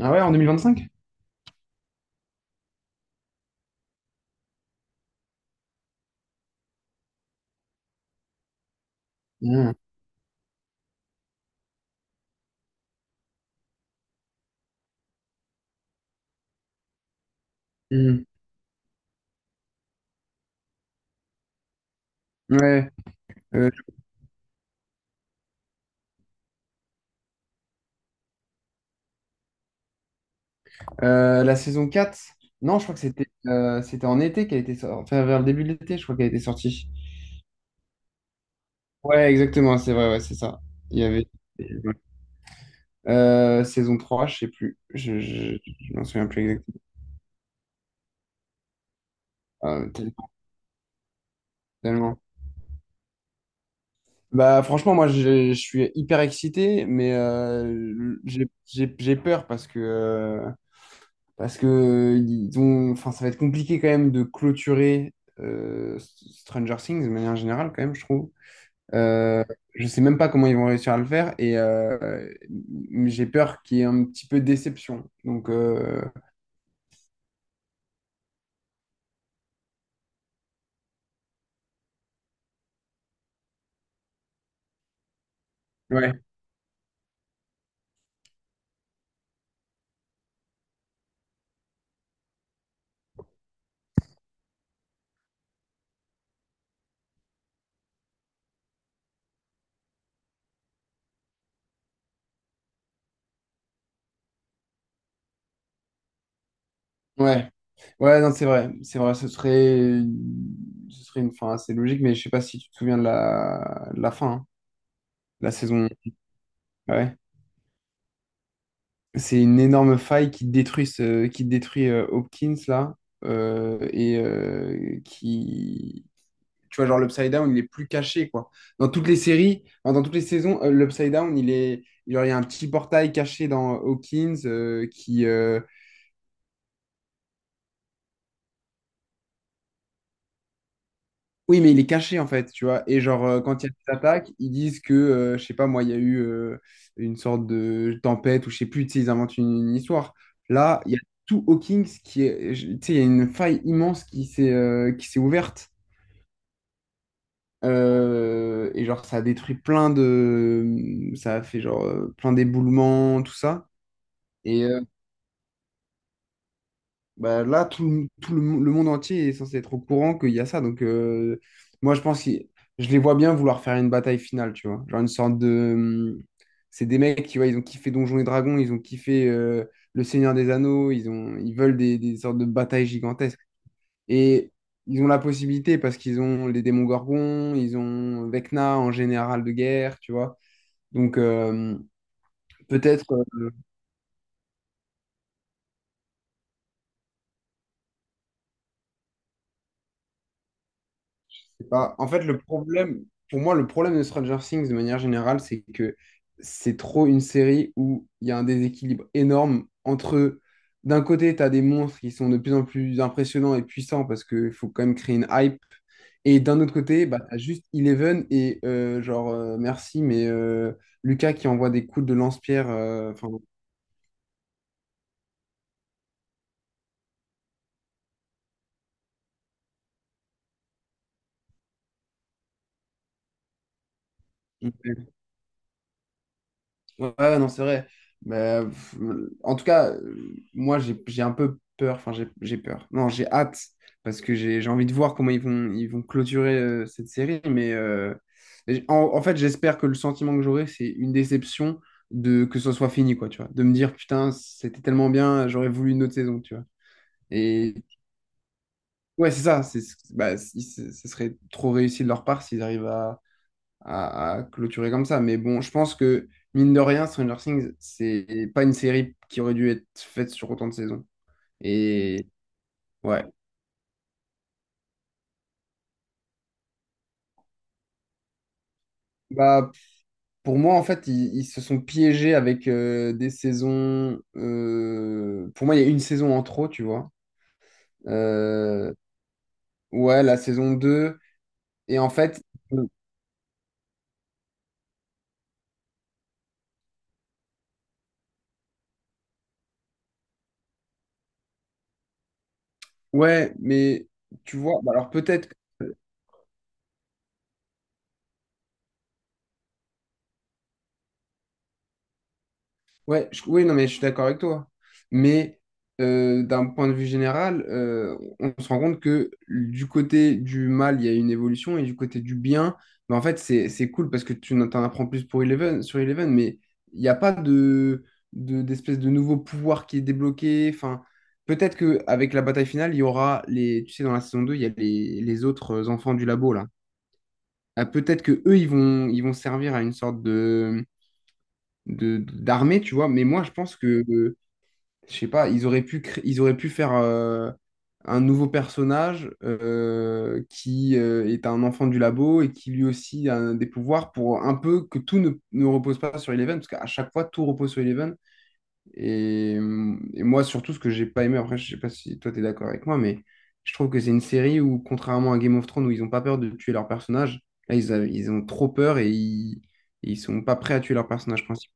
Ah ouais, en 2025? Mmh, mmh. Ouais. Euh, la saison 4 non, je crois que c'était c'était en été qu'elle était sortie. Enfin, vers le début de l'été, je crois qu'elle était sortie. Ouais, exactement, c'est vrai, ouais, c'est ça. Il y avait. Saison 3 je sais plus. Je m'en souviens plus exactement. Ah, tellement. Tellement. Bah, franchement, moi, je suis hyper excité, mais j'ai peur parce que ils ont, enfin, ça va être compliqué quand même de clôturer euh, Stranger Things de manière générale, quand même, je trouve. Euh, je sais même pas comment ils vont réussir à le faire et j'ai peur qu'il y ait un petit peu de déception. Ouais, ouais, ouais, non, c'est vrai, ce serait une fin assez logique, mais je sais pas si tu te souviens de la fin, hein, de la saison. Ouais. C'est une énorme faille qui qui détruit Hopkins là et qui tu vois genre l'Upside Down il est plus caché quoi. Dans toutes les séries, enfin, dans toutes les saisons, l'Upside Down il est genre, il y a un petit portail caché dans Hawkins oui, mais il est caché en fait, tu vois. Et genre, quand il y a des attaques, ils disent que, je sais pas, moi, il y a eu une sorte de tempête ou je sais plus, tu sais, ils inventent une histoire. Là, il y a tout Hawkins qui est, je- tu sais, il y a une faille immense qui s'est ouverte. Et genre, ça a détruit plein de. Ça a fait genre plein d'éboulements, tout ça. Et, euh, Bah, là, tout, le, le monde entier est censé être au courant qu'il y a ça. Moi, je pense que je les vois bien vouloir faire une bataille finale, tu vois. Genre une sorte de hum, c'est des mecs, tu vois, ils ont kiffé Donjons et Dragons, ils ont kiffé Le Seigneur des Anneaux, ils ont, ils veulent des sortes de batailles gigantesques. Et ils ont la possibilité parce qu'ils ont les démons gorgons, ils ont Vecna en général de guerre, tu vois. Donc, euh, Peut-être bah, en fait, le problème, pour moi, le problème de Stranger Things de manière générale, c'est que c'est trop une série où il y a un déséquilibre énorme entre, d'un côté, tu as des monstres qui sont de plus en plus impressionnants et puissants parce qu'il faut quand même créer une hype, et d'un autre côté, bah, tu as juste Eleven et genre, merci, Lucas qui envoie des coups de lance-pierre, enfin, ouais, ouais, non, c'est vrai. Pff, en tout cas, moi, j'ai un peu peur. Enfin, j'ai peur. Non, j'ai hâte parce que j'ai envie de voir comment ils vont clôturer cette série. En, en fait, j'espère que le sentiment que j'aurai, c'est une déception de que ce soit fini, quoi, tu vois. De me dire, putain, c'était tellement bien, j'aurais voulu une autre saison, tu vois. Et ouais, c'est ça. Bah, ce serait trop réussi de leur part s'ils arrivent à à clôturer comme ça. Mais bon, je pense que, mine de rien, Stranger Things, c'est pas une série qui aurait dû être faite sur autant de saisons. Et ouais. Bah, pour moi, en fait, ils se sont piégés avec des saisons. Pour moi, il y a une saison en trop, tu vois. Euh, Ouais, la saison 2. Et en fait, euh, ouais, mais tu vois, bah alors peut-être. Ouais, je- oui, non, mais je suis d'accord avec toi. Mais D'un point de vue général, on se rend compte que du côté du mal, il y a une évolution et du côté du bien, mais en fait, c'est cool parce que tu en t'en apprends plus pour Eleven, sur Eleven, mais il n'y a pas d'espèce de nouveau pouvoir qui est débloqué. Enfin, peut-être qu'avec la bataille finale, il y aura les, tu sais, dans la saison 2 il y a les autres enfants du labo, là. Ah, peut-être que eux, ils vont servir à une sorte de d'armée, tu vois. Mais moi, je pense que je sais pas, ils auraient pu, ils auraient pu faire un nouveau personnage qui est un enfant du labo et qui lui aussi a des pouvoirs pour un peu que tout ne repose pas sur Eleven, parce qu'à chaque fois, tout repose sur Eleven. Et moi, surtout, ce que j'ai pas aimé, après, je sais pas si toi, tu es d'accord avec moi, mais je trouve que c'est une série où, contrairement à Game of Thrones, où ils ont pas peur de tuer leur personnage, là, ils ont trop peur et ils sont pas prêts à tuer leur personnage principal.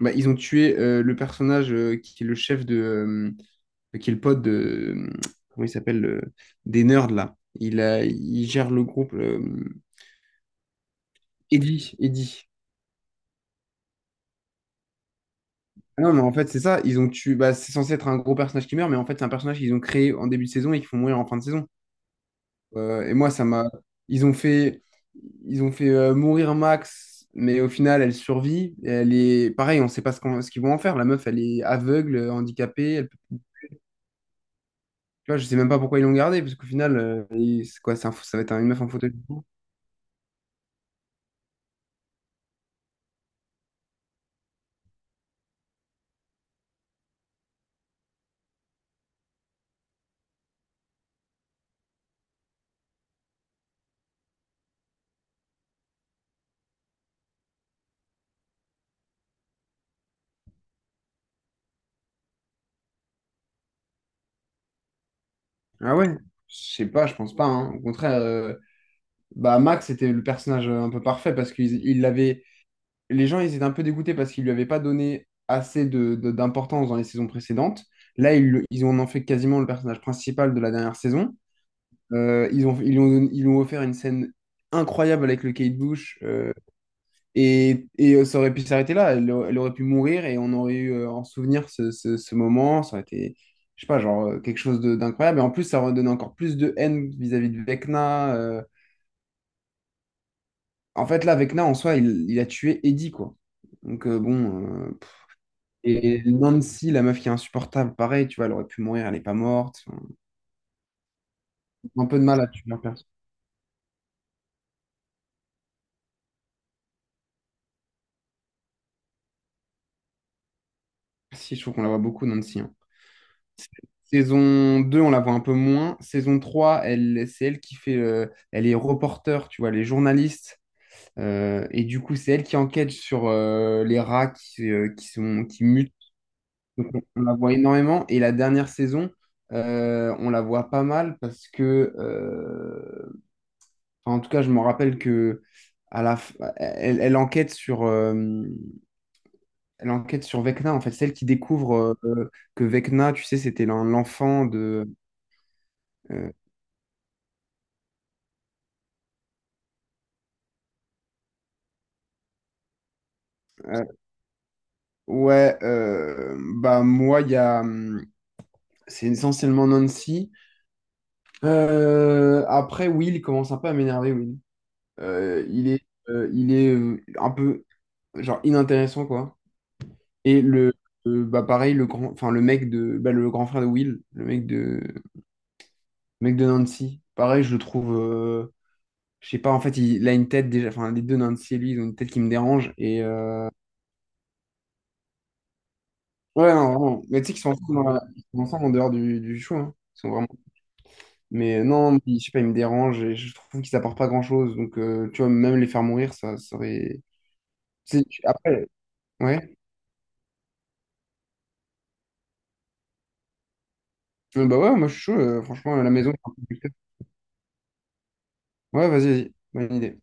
Bah, ils ont tué le personnage qui est le chef de. Qui est le pote de. euh, Comment il s'appelle des nerds, là. Il, a, il gère le groupe. Eddie. Eddie. Ah non, mais en fait, c'est ça. Ils ont tué. Bah, c'est censé être un gros personnage qui meurt, mais en fait, c'est un personnage qu'ils ont créé en début de saison et qu'ils font mourir en fin de saison. Et moi, ça m'a. Ils ont fait. Ils ont fait mourir Max, mais au final, elle survit. Et elle est. Pareil, on sait pas ce ce qu'ils vont en faire. La meuf, elle est aveugle, handicapée, elle peut tu vois, je sais même pas pourquoi ils l'ont gardé, parce qu'au final, c'est quoi, c'est ça va être une meuf en fauteuil roulant. Ah ouais? Je sais pas, je pense pas, hein. Au contraire, bah Max était le personnage un peu parfait parce qu'ils il l'avait. Les gens, ils étaient un peu dégoûtés parce qu'ils lui avaient pas donné assez de, d'importance dans les saisons précédentes. Là, ils en ont fait quasiment le personnage principal de la dernière saison. Ils ont, ils lui ont, ils lui ont offert une scène incroyable avec le Kate Bush. Et, ça aurait pu s'arrêter là. Elle, elle aurait pu mourir et on aurait eu en souvenir ce, ce moment. Ça aurait été, je sais pas, genre quelque chose de- d'incroyable. Et en plus, ça aurait donné encore plus de haine vis-à-vis de Vecna. En fait, là, Vecna, en soi, il a tué Eddie, quoi. Bon. Et Nancy, la meuf qui est insupportable, pareil, tu vois, elle aurait pu mourir, elle n'est pas morte. Enfin, un peu de mal à tuer la personne. Si, je trouve qu'on la voit beaucoup, Nancy, hein. Saison 2, on la voit un peu moins. Saison 3, elle, c'est elle qui fait. Elle est reporter, tu vois, elle est journaliste. Et du coup, c'est elle qui enquête sur les rats qui sont, qui mutent. On la voit énormément. Et la dernière saison, on la voit pas mal parce que. Enfin, en tout cas, je me rappelle que. À la f- elle, elle enquête sur Vecna, en fait, celle qui découvre que Vecna, tu sais, c'était l'enfant de, euh, ouais, bah moi, il y a, c'est essentiellement Nancy. Après, Will il commence un peu à m'énerver, Will. Euh, il est, il est un peu genre inintéressant quoi. Et le, bah pareil, le grand, enfin le mec de, bah, le grand frère de Will, le mec de Nancy. Pareil, je le trouve, je sais pas, en fait, il a une tête déjà, enfin les deux Nancy et lui, ils ont une tête qui me dérange. Ouais, non, vraiment. Mais tu sais qu'ils sont ensemble, ils sont ensemble en dehors du show, hein. Ils sont vraiment non, je sais pas, il me dérange et je trouve qu'ils apportent pas grand-chose. Tu vois, même les faire mourir, ça serait après, ouais. Bah ouais, moi je suis chaud, franchement, à la maison c'est un peu plus clair. Ouais, vas-y, vas-y, bonne idée.